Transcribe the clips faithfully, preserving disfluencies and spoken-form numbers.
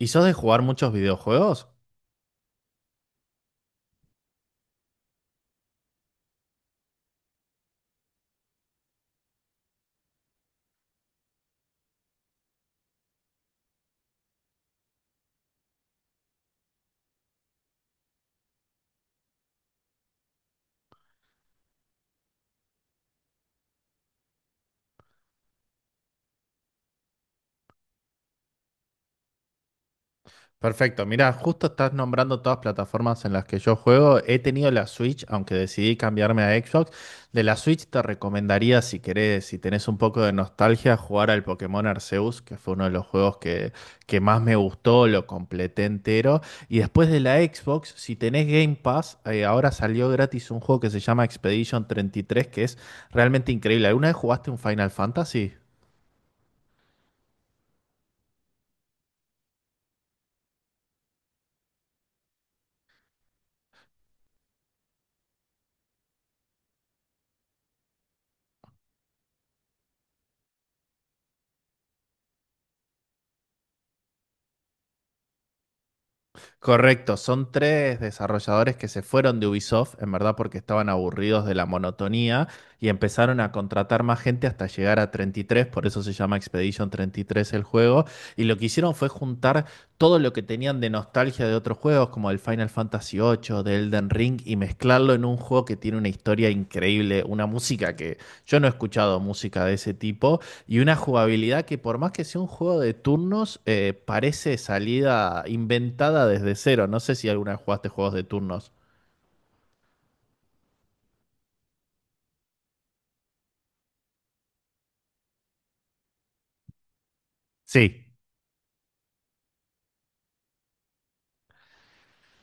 ¿Y sos de jugar muchos videojuegos? Perfecto, mira, justo estás nombrando todas plataformas en las que yo juego. He tenido la Switch, aunque decidí cambiarme a Xbox. De la Switch te recomendaría, si querés, si tenés un poco de nostalgia, jugar al Pokémon Arceus, que fue uno de los juegos que, que más me gustó, lo completé entero. Y después de la Xbox, si tenés Game Pass, eh, ahora salió gratis un juego que se llama Expedition treinta y tres, que es realmente increíble. ¿Alguna vez jugaste un Final Fantasy? Correcto, son tres desarrolladores que se fueron de Ubisoft, en verdad porque estaban aburridos de la monotonía y empezaron a contratar más gente hasta llegar a treinta y tres, por eso se llama Expedition treinta y tres el juego, y lo que hicieron fue juntar todo lo que tenían de nostalgia de otros juegos como el Final Fantasy ocho, de Elden Ring, y mezclarlo en un juego que tiene una historia increíble, una música que yo no he escuchado música de ese tipo, y una jugabilidad que por más que sea un juego de turnos, eh, parece salida inventada desde cero. No sé si alguna vez jugaste juegos de turnos. Sí.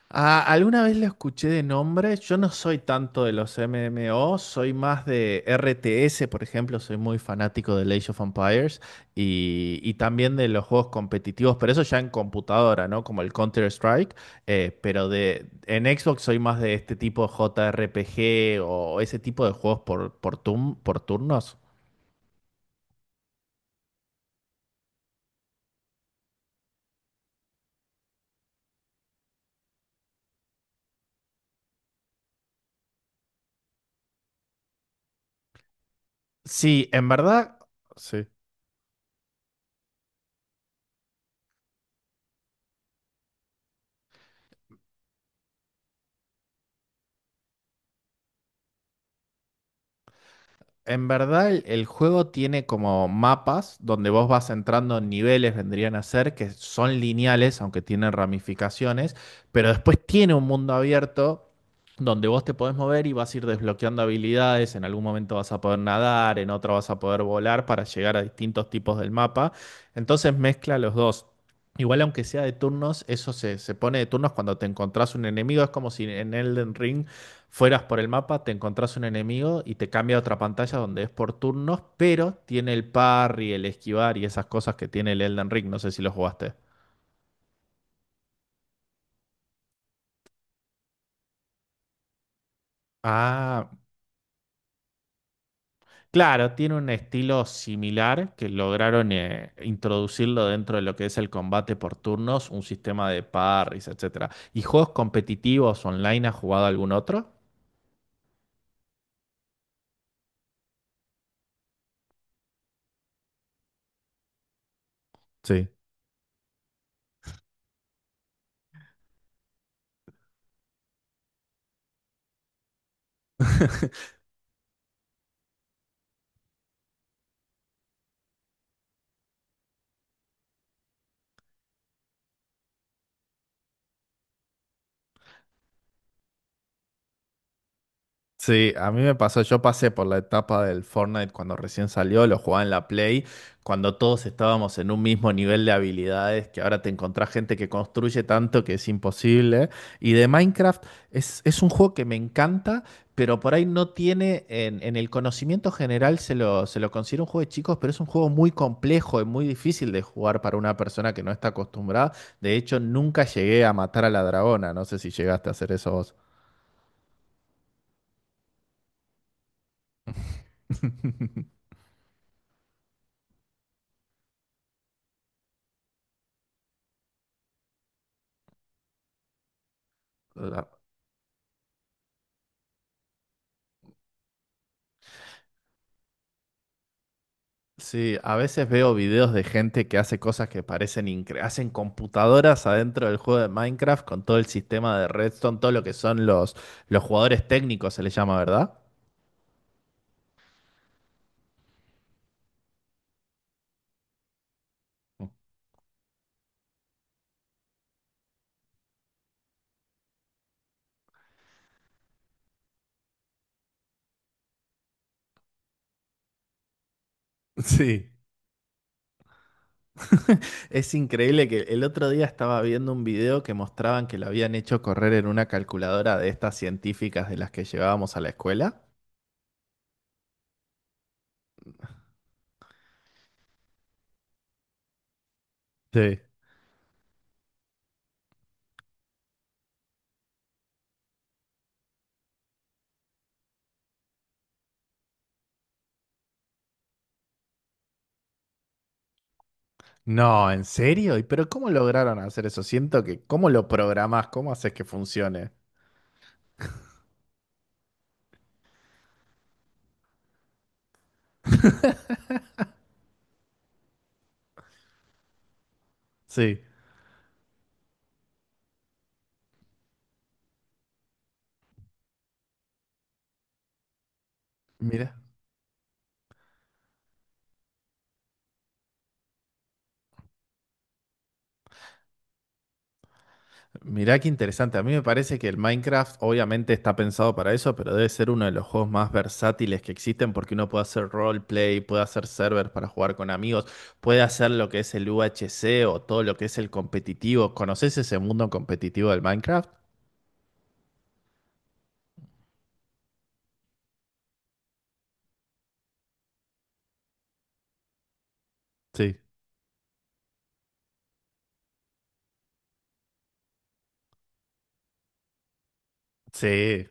Ah, alguna vez lo escuché de nombre. Yo no soy tanto de los M M O, soy más de R T S, por ejemplo. Soy muy fanático de Age of Empires y, y también de los juegos competitivos, pero eso ya en computadora, ¿no? Como el Counter-Strike. Eh, pero de, en Xbox soy más de este tipo de J R P G o ese tipo de juegos por, por, tum- por turnos. Sí, en verdad. Sí. En verdad, el, el juego tiene como mapas donde vos vas entrando en niveles, vendrían a ser, que son lineales, aunque tienen ramificaciones, pero después tiene un mundo abierto donde vos te podés mover y vas a ir desbloqueando habilidades, en algún momento vas a poder nadar, en otro vas a poder volar para llegar a distintos tipos del mapa. Entonces mezcla los dos. Igual aunque sea de turnos, eso se, se pone de turnos cuando te encontrás un enemigo, es como si en Elden Ring fueras por el mapa, te encontrás un enemigo y te cambia a otra pantalla donde es por turnos, pero tiene el parry, el esquivar y esas cosas que tiene el Elden Ring. No sé si lo jugaste. Ah, claro, tiene un estilo similar que lograron eh, introducirlo dentro de lo que es el combate por turnos, un sistema de parries, etcétera. ¿Y juegos competitivos online has jugado algún otro? Sí. Sí, a mí me pasó, yo pasé por la etapa del Fortnite cuando recién salió, lo jugaba en la Play, cuando todos estábamos en un mismo nivel de habilidades, que ahora te encontrás gente que construye tanto que es imposible. Y de Minecraft es, es un juego que me encanta, pero por ahí no tiene, en, en el conocimiento general se lo, se lo considera un juego de chicos, pero es un juego muy complejo y muy difícil de jugar para una persona que no está acostumbrada. De hecho, nunca llegué a matar a la dragona, no sé si llegaste a hacer eso vos. Sí, a veces veo videos de gente que hace cosas que parecen incre- hacen computadoras adentro del juego de Minecraft con todo el sistema de Redstone, todo lo que son los, los jugadores técnicos, se les llama, ¿verdad? Sí. Es increíble que el otro día estaba viendo un video que mostraban que lo habían hecho correr en una calculadora de estas científicas de las que llevábamos a la escuela. Sí. No, ¿en serio? ¿Y pero cómo lograron hacer eso? Siento que, ¿cómo lo programás? ¿Cómo haces que funcione? Sí. Mira. Mirá qué interesante. A mí me parece que el Minecraft obviamente está pensado para eso, pero debe ser uno de los juegos más versátiles que existen porque uno puede hacer roleplay, puede hacer servers para jugar con amigos, puede hacer lo que es el U H C o todo lo que es el competitivo. ¿Conoces ese mundo competitivo del Minecraft? Sí. Sí.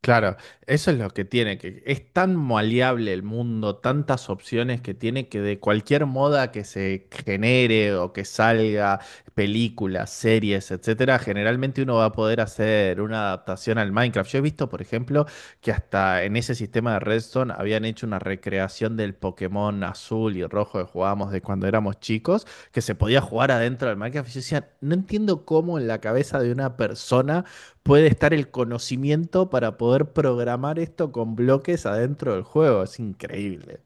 Claro, eso es lo que tiene, que es tan maleable el mundo, tantas opciones que tiene que de cualquier moda que se genere o que salga, películas, series, etcétera, generalmente uno va a poder hacer una adaptación al Minecraft. Yo he visto, por ejemplo, que hasta en ese sistema de Redstone habían hecho una recreación del Pokémon azul y rojo que jugábamos de cuando éramos chicos, que se podía jugar adentro del Minecraft. Y yo decía, no entiendo cómo en la cabeza de una persona puede estar el conocimiento para poder programar esto con bloques adentro del juego. Es increíble.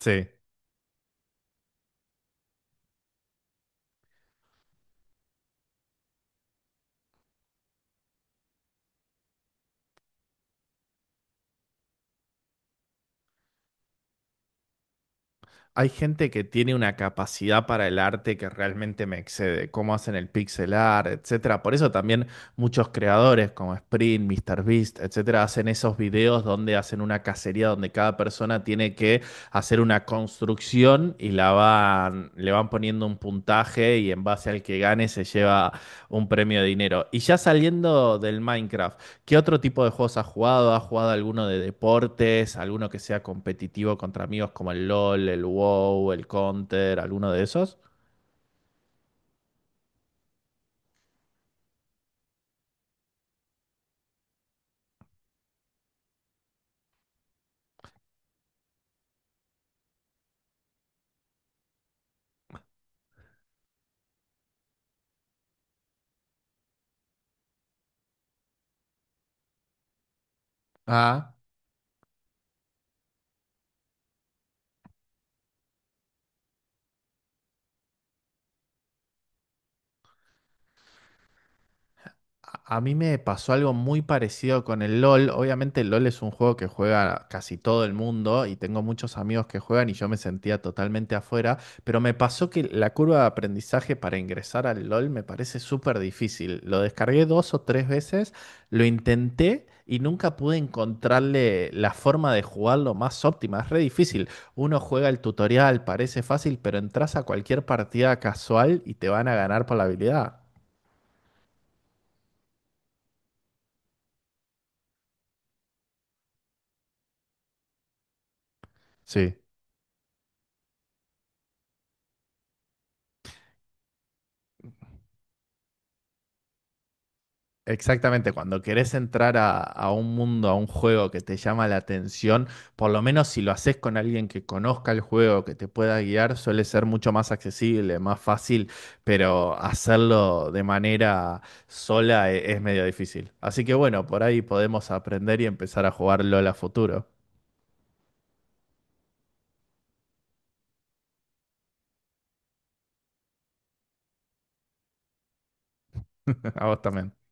Sí. Hay gente que tiene una capacidad para el arte que realmente me excede, cómo hacen el pixel art, etcétera. Por eso también muchos creadores como Sprint, MrBeast, etcétera, hacen esos videos donde hacen una cacería donde cada persona tiene que hacer una construcción y la van, le van poniendo un puntaje y en base al que gane se lleva un premio de dinero. Y ya saliendo del Minecraft, ¿qué otro tipo de juegos has jugado? ¿Has jugado alguno de deportes? ¿Alguno que sea competitivo contra amigos como el LOL, el WoW, el Counter, alguno de esos? Ah. A a mí me pasó algo muy parecido con el LOL. Obviamente el LOL es un juego que juega casi todo el mundo y tengo muchos amigos que juegan y yo me sentía totalmente afuera, pero me pasó que la curva de aprendizaje para ingresar al LOL me parece súper difícil. Lo descargué dos o tres veces, lo intenté y nunca pude encontrarle la forma de jugarlo más óptima. Es re difícil. Uno juega el tutorial, parece fácil, pero entras a cualquier partida casual y te van a ganar por la habilidad. Sí. Exactamente, cuando querés entrar a, a un mundo, a un juego que te llama la atención, por lo menos si lo haces con alguien que conozca el juego, que te pueda guiar, suele ser mucho más accesible, más fácil, pero hacerlo de manera sola e- es, medio difícil. Así que bueno, por ahí podemos aprender y empezar a jugar LOL a futuro. A vos también.